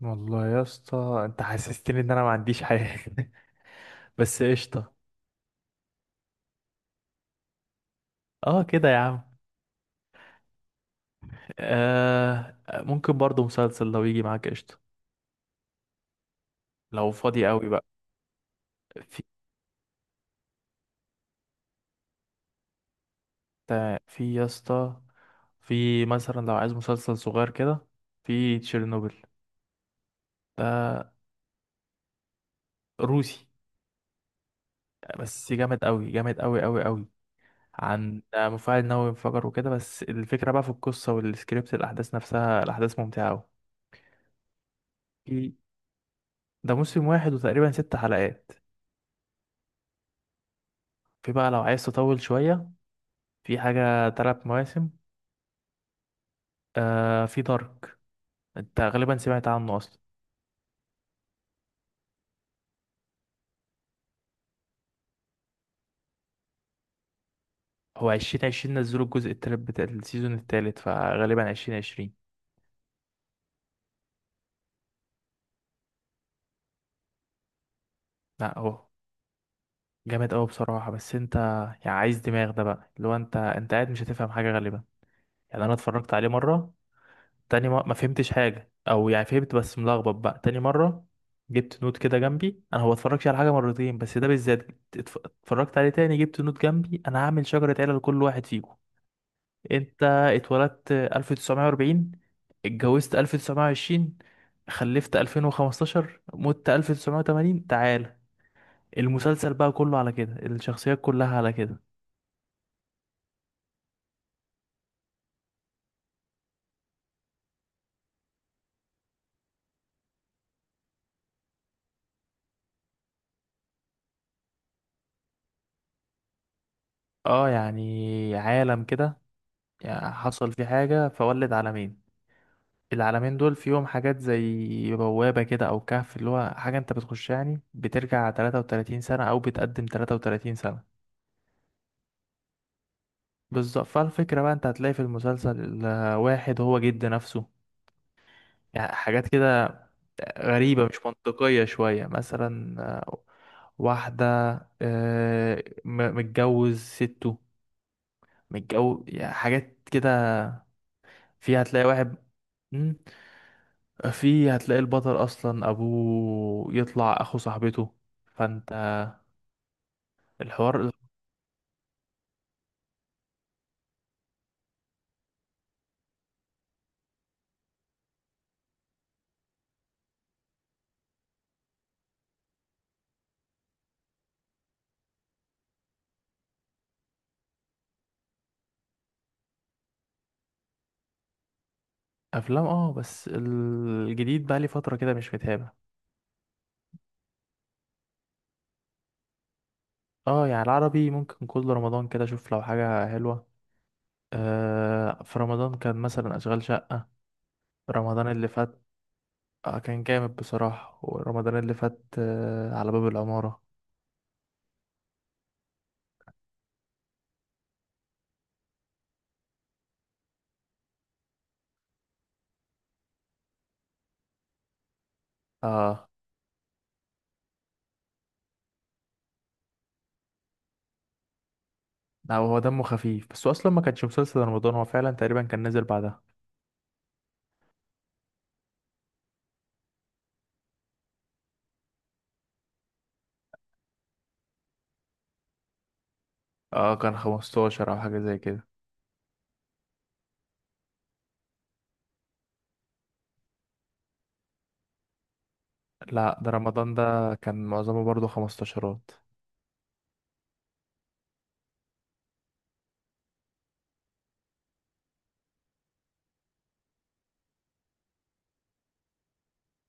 والله يا اسطى، انت حسستني ان انا ما عنديش حاجه. بس قشطه. اه كده يا عم. آه، ممكن برضو مسلسل لو يجي معاك. قشطه لو فاضي قوي بقى. في في يا اسطى. في مثلا لو عايز مسلسل صغير كده، في تشيرنوبل. ده روسي، بس جامد قوي، جامد قوي قوي قوي. عن مفاعل نووي انفجر وكده، بس الفكره بقى في القصه والسكريبت، الاحداث نفسها، الاحداث ممتعه قوي. في ده موسم واحد وتقريبا 6 حلقات. في بقى لو عايز تطول شوية، في حاجة 3 مواسم. آه، في دارك، انت غالبا سمعت عنه اصلا. هو 2020 نزلوا الجزء التالت بتاع السيزون التالت، فغالبا 2020. لا، هو جامد اوي بصراحة، بس انت يعني عايز دماغ ده بقى، اللي هو انت قاعد مش هتفهم حاجة غالبا. يعني انا اتفرجت عليه مرة، تاني ما فهمتش حاجة، او يعني فهمت بس ملخبط، بقى تاني مرة جبت نوت كده جنبي. انا هو اتفرجش على حاجة مرتين بس ده بالذات. اتفرجت عليه تاني، جبت نوت جنبي، انا هعمل شجرة عيلة لكل واحد فيكم. انت اتولدت 1940، اتجوزت 1920، خلفت 2015، مت 1980، تعال. المسلسل بقى كله على كده، الشخصيات كلها على كده. اه، يعني عالم كده، يعني حصل فيه حاجة فولد عالمين. العالمين دول فيهم حاجات زي بوابة كده أو كهف، اللي هو حاجة أنت بتخش يعني بترجع 33 سنة أو بتقدم 33 سنة. بالظبط، فالفكرة بقى أنت هتلاقي في المسلسل واحد هو جد نفسه، يعني حاجات كده غريبة، مش منطقية شوية. مثلا واحدة متجوز سته، متجوز، يعني حاجات كده. في هتلاقي واحد مم، في هتلاقي البطل أصلا أبوه يطلع أخو صاحبته، فأنت. الحوار. أفلام، اه، بس الجديد بقى لي فترة كده مش متابع. اه، يعني العربي ممكن كل رمضان كده أشوف لو حاجة حلوة. آه، في رمضان كان مثلا أشغال شقة، رمضان اللي فات. اه، كان جامد بصراحة. ورمضان اللي فات، على باب العمارة. اه، لا، هو دمه خفيف بس هو اصلا ما كانش مسلسل رمضان، هو فعلا تقريبا كان نزل بعدها. اه، كان 15 او حاجة زي كده. لا، ده رمضان ده كان معظمه برضه 15ات.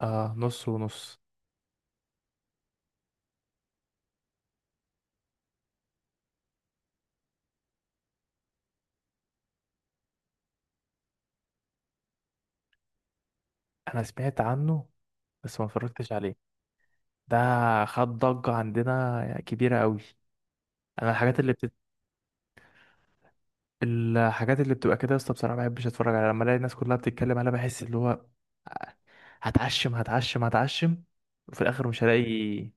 اه، نص ونص. انا سمعت عنه بس ما اتفرجتش عليه. ده خد ضجة عندنا كبيرة قوي. انا الحاجات اللي بتت... الحاجات اللي بتبقى كده يا اسطى، بصراحة ما بحبش اتفرج عليها. لما الاقي الناس كلها بتتكلم عليها، بحس اللي هو هتعشم هتعشم هتعشم، وفي الاخر مش هلاقي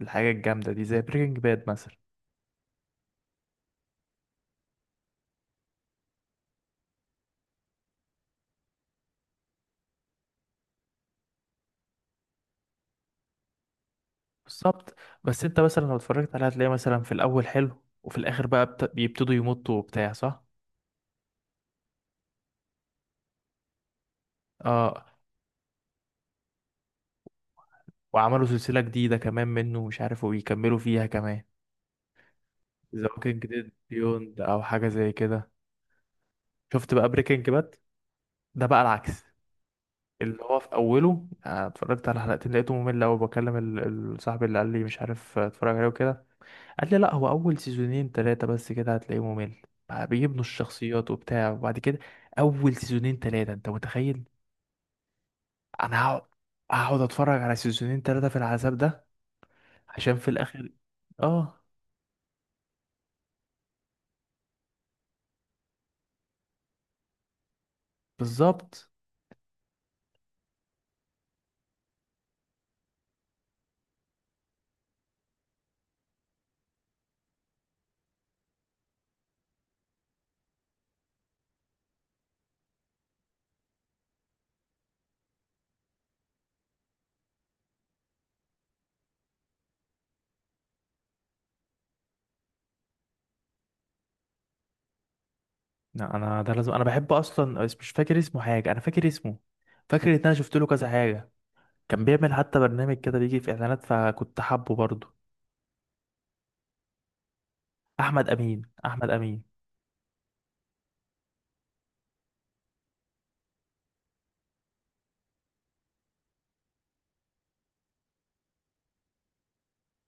الحاجه الجامده دي، زي بريكنج باد مثلا. بالظبط. بس انت مثلا لو اتفرجت عليها هتلاقي مثلا في الاول حلو، وفي الاخر بقى بيبتدوا يمطوا وبتاع، صح. اه، وعملوا سلسله جديده كمان منه مش عارف، وبيكملوا فيها كمان. ذا ووكينج ديد بيوند او حاجه زي كده. شفت بقى بريكنج باد؟ ده بقى العكس، اللي هو في اوله اتفرجت على حلقتين لقيته ممل قوي. بكلم صاحبي اللي قال لي مش عارف، اتفرج عليه وكده. قال لي لا، هو اول سيزونين ثلاثه بس كده هتلاقيه ممل، بقى بيبنوا الشخصيات وبتاع، وبعد كده. اول سيزونين ثلاثه، انت متخيل؟ انا هقعد اتفرج على سيزونين ثلاثه في العذاب ده عشان في الاخر. اه، بالظبط. لا، انا ده لازم، انا بحب اصلا بس مش فاكر اسمه حاجه، انا فاكر اسمه، فاكر ان انا شفت له كذا حاجه، كان بيعمل حتى برنامج كده بيجي في اعلانات، فكنت حابه برضه. احمد امين، احمد امين.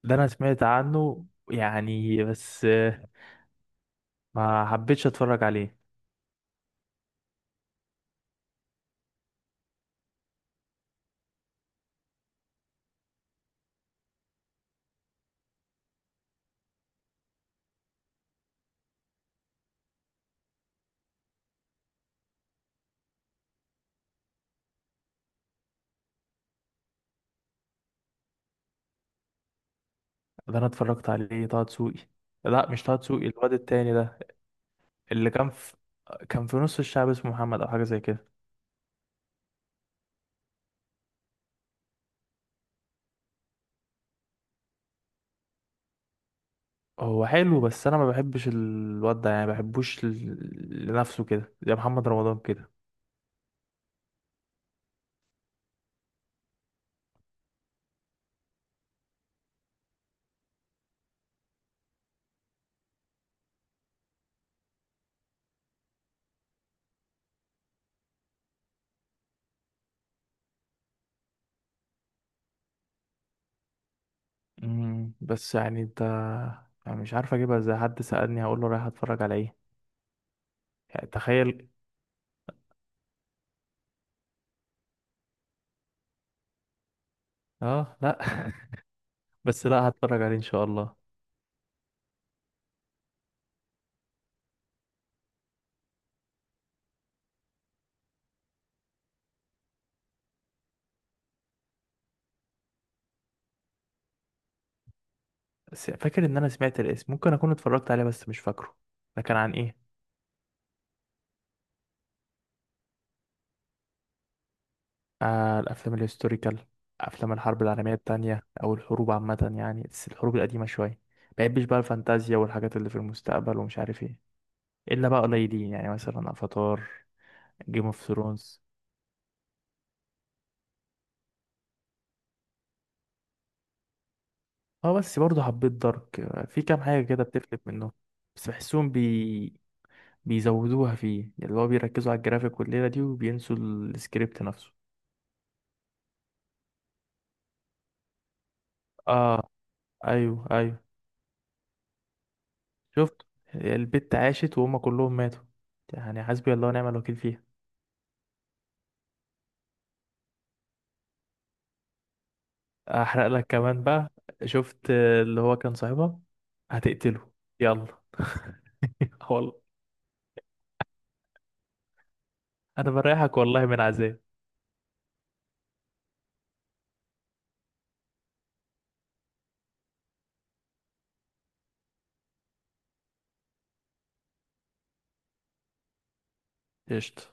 ده انا سمعت عنه، يعني بس ما حبيتش اتفرج عليه. ده انا اتفرجت عليه، طه دسوقي. لا، مش طه دسوقي، الواد التاني ده اللي كان في، كان في نص الشعب، اسمه محمد او حاجه زي كده. هو حلو بس انا ما بحبش الواد ده، يعني ما بحبوش لنفسه كده، زي محمد رمضان كده. بس يعني انت، يعني مش عارف اجيبها ازاي، حد سألني هقول له رايح اتفرج على ايه؟ يعني تخيل. اه، لا. بس لا، هتفرج عليه ان شاء الله. بس فاكر ان انا سمعت الاسم، ممكن اكون اتفرجت عليه بس مش فاكره. ده كان عن ايه؟ آه، الأفلام الهيستوريكال، أفلام الحرب العالمية التانية أو الحروب عامة، يعني بس الحروب القديمة شوية. مبحبش بقى الفانتازيا والحاجات اللي في المستقبل ومش عارف ايه، إلا بقى قليلين يعني مثلا أفاتار، جيم اوف ثرونز. اه، بس برضه حبيت دارك. في كام حاجة كده بتفلت منهم، بس بحسهم بيزودوها فيه، يعني اللي هو بيركزوا على الجرافيك والليلة دي وبينسوا السكريبت نفسه. اه، ايوه ايوه. شفت البت عاشت وهم كلهم ماتوا؟ يعني حسبي الله ونعم الوكيل فيها. احرق لك كمان بقى. شفت اللي هو كان صاحبها؟ هتقتله. يلا. والله. انا بريحك والله من عذاب. قشطة.